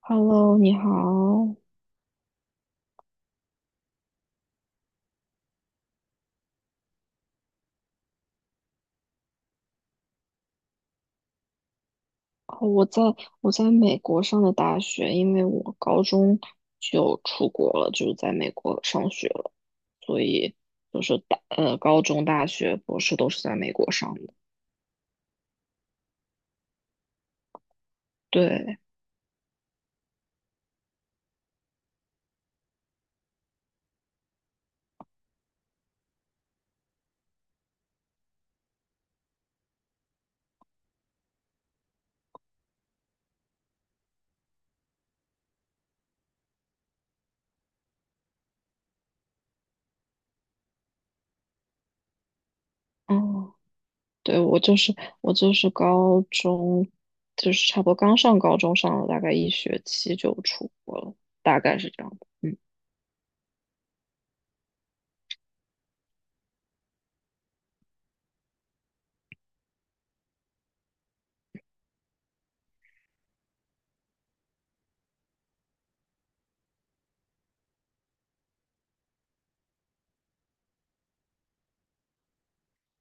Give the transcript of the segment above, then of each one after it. Hello，你好。哦我在我在美国上的大学，因为我高中就出国了，就是在美国上学了，所以就是高中、大学、博士都是在美国上的。对，嗯，对，我就是高中，就是差不多刚上高中上了大概一学期就出国了，大概是这样的。嗯，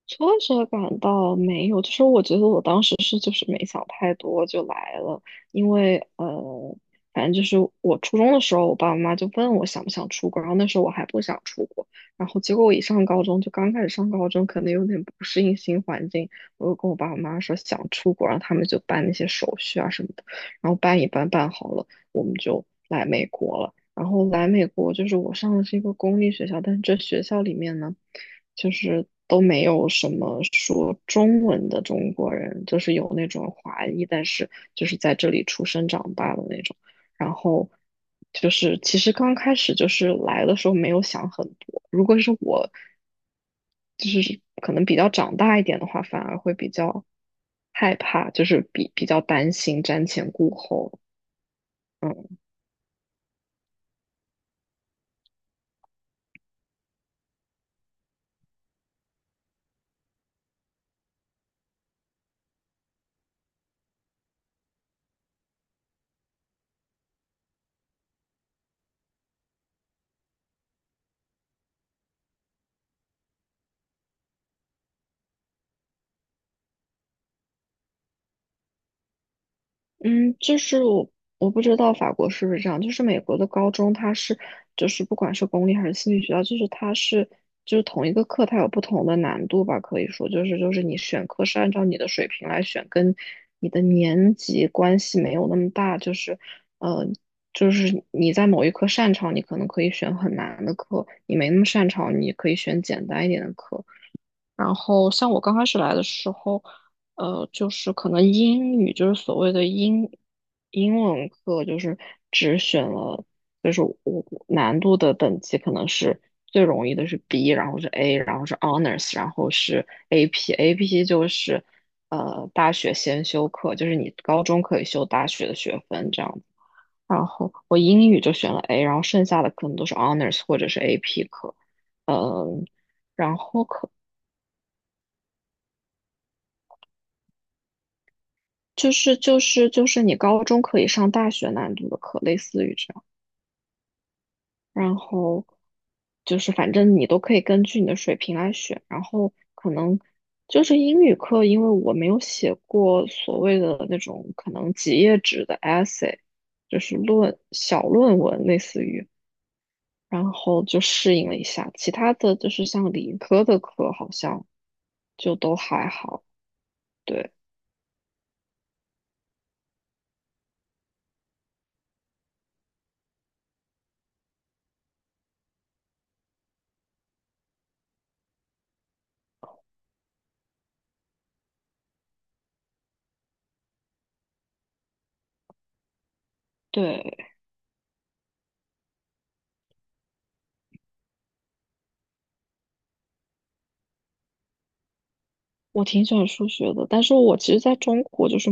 挫折感倒没有，就是我觉得我当时是就是没想太多就来了，因为反正就是我初中的时候，我爸爸妈妈就问我想不想出国，然后那时候我还不想出国，然后结果我一上高中刚开始上高中，可能有点不适应新环境，我就跟我爸爸妈妈说想出国，然后他们就办那些手续啊什么的，然后办一办办好了，我们就来美国了，然后来美国就是我上的是一个公立学校，但是这学校里面呢。就是都没有什么说中文的中国人，就是有那种华裔，但是就是在这里出生长大的那种。然后就是其实刚开始就是来的时候没有想很多，如果是我，就是可能比较长大一点的话，反而会比较害怕，就是比较担心瞻前顾后。嗯。嗯，我不知道法国是不是这样，就是美国的高中它是就是不管是公立还是私立学校，就是它是就是同一个课它有不同的难度吧，可以说就是你选课是按照你的水平来选，跟你的年级关系没有那么大，就是呃就是你在某一科擅长，你可能可以选很难的课；你没那么擅长，你可以选简单一点的课。然后像我刚开始来的时候，就是可能英语就是所谓的英文课，就是只选了，就是我难度的等级可能是最容易的是 B，然后是 A，然后是 Honors，然后是 AP，AP 就是大学先修课，就是你高中可以修大学的学分这样子。然后我英语就选了 A，然后剩下的可能都是 Honors 或者是 AP 课。然后就是你高中可以上大学难度的课，类似于这样。然后就是反正你都可以根据你的水平来选。然后可能就是英语课，因为我没有写过所谓的那种可能几页纸的 essay，就是论小论文类似于，然后就适应了一下。其他的就是像理科的课，好像就都还好。对对，我挺喜欢数学的，但是我其实在中国就是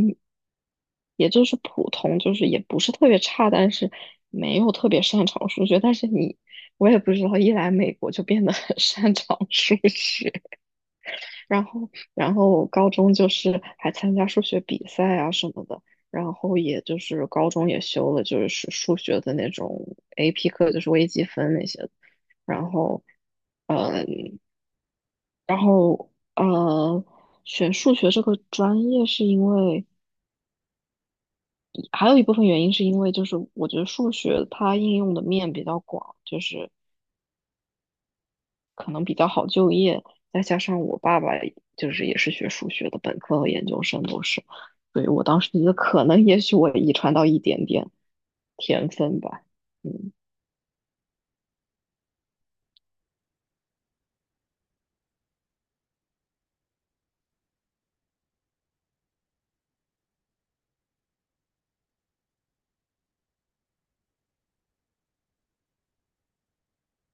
也就是普通，就是也不是特别差，但是没有特别擅长数学。但是你，我也不知道，一来美国就变得很 擅长数学，然后我高中就是还参加数学比赛啊什么的，然后也就是高中也修了就是数学的那种 AP 课，就是微积分那些的。然后，然后呃，选数学这个专业是因为。还有一部分原因是因为就是我觉得数学它应用的面比较广，就是可能比较好就业，再加上我爸爸就是也是学数学的，本科和研究生都是，所以我当时觉得可能也许我遗传到一点点天分吧，嗯。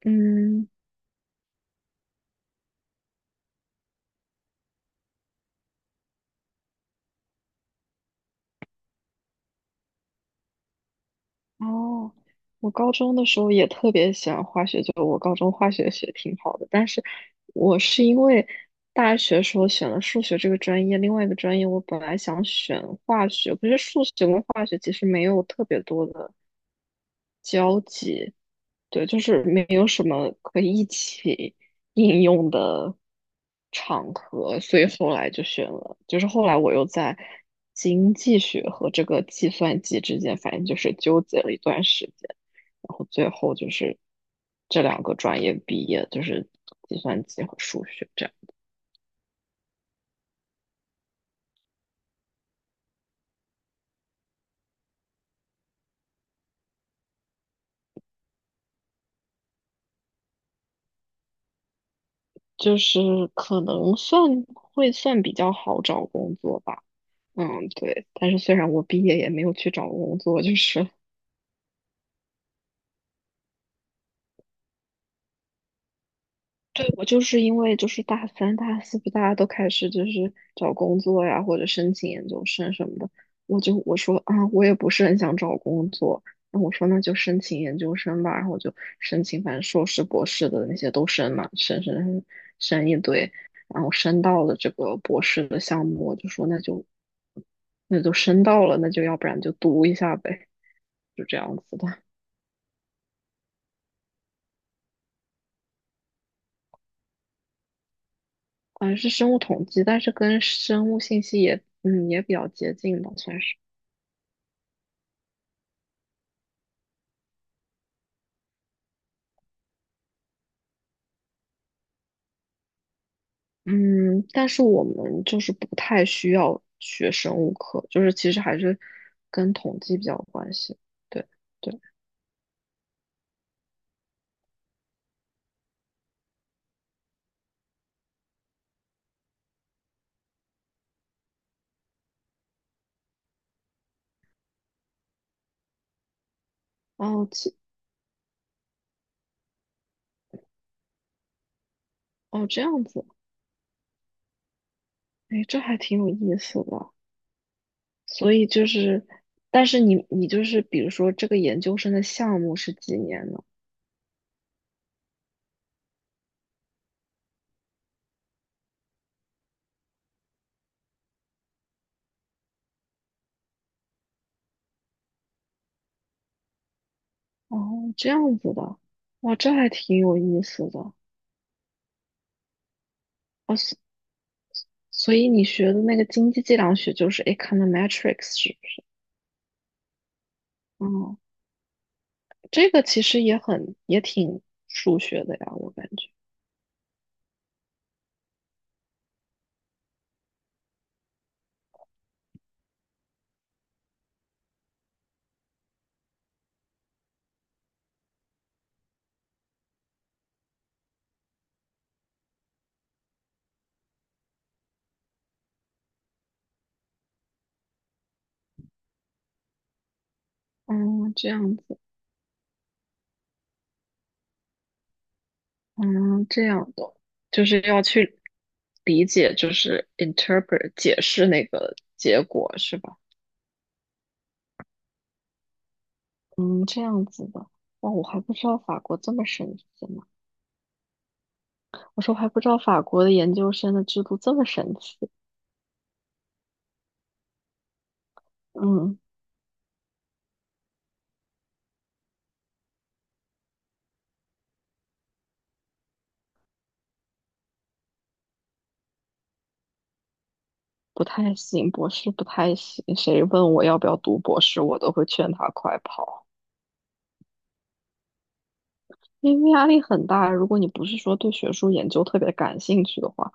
嗯，哦，我高中的时候也特别喜欢化学，就我高中化学学挺好的，但是我是因为大学时候选了数学这个专业，另外一个专业我本来想选化学，可是数学跟化学其实没有特别多的。交集，对，就是没有什么可以一起 应用的场合，所以后来就选了，就是后来我又在经济学和这个计算机之间，反正就是纠结了一段时间，然后最后就是这两个专业毕业，就是计算机和数学这样，就是可能会算比较好找工作吧。嗯，对，但是虽然我毕业也没有去找工作，就是。对，我就是因为就是大三、大四不大家都开始就是找工作呀，或者申请研究生什么的，我说啊，我也不是很想找工作，那我说那就申请研究生吧，然后我就申请，反正硕士、博士的那些都申嘛，申一堆，然后申到了这个博士的项目，我就说那就申到了，那就要不然就读一下呗，就这样子的，好像是生物统计，但是跟生物信息也也比较接近吧，算是。嗯，但是我们就是不太需要学生物课，就是其实还是跟统计比较有关系。对对，哦，哦这样子，哎，这还挺有意思的。所以就是，但是你就是比如说这个研究生的项目是几年呢？哦，这样子的，哇，这还挺有意思的。哦，所以你学的那个经济计量学就是 econometrics 是不是？哦这个其实也很也挺数学的呀，我感觉。嗯，这样子，嗯，这样的，就是要去理解，就是 interpret 解释那个结果是吧？嗯，这样子的。哇，我还不知道法国这么神奇呢。我说我还不知道法国的研究生的制度这么神奇。嗯，不太行，博士不太行。谁问我要不要读博士，我都会劝他快跑。因为压力很大，如果你不是说对学术研究特别感兴趣的话，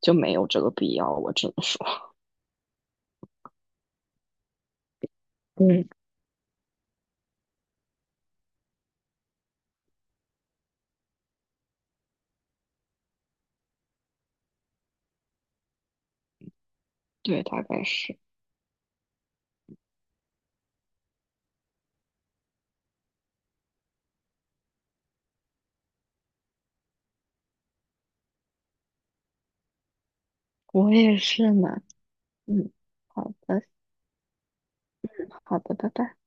就没有这个必要。我只能说，嗯，对，大概是，我也是呢。嗯，好的，好的，拜拜。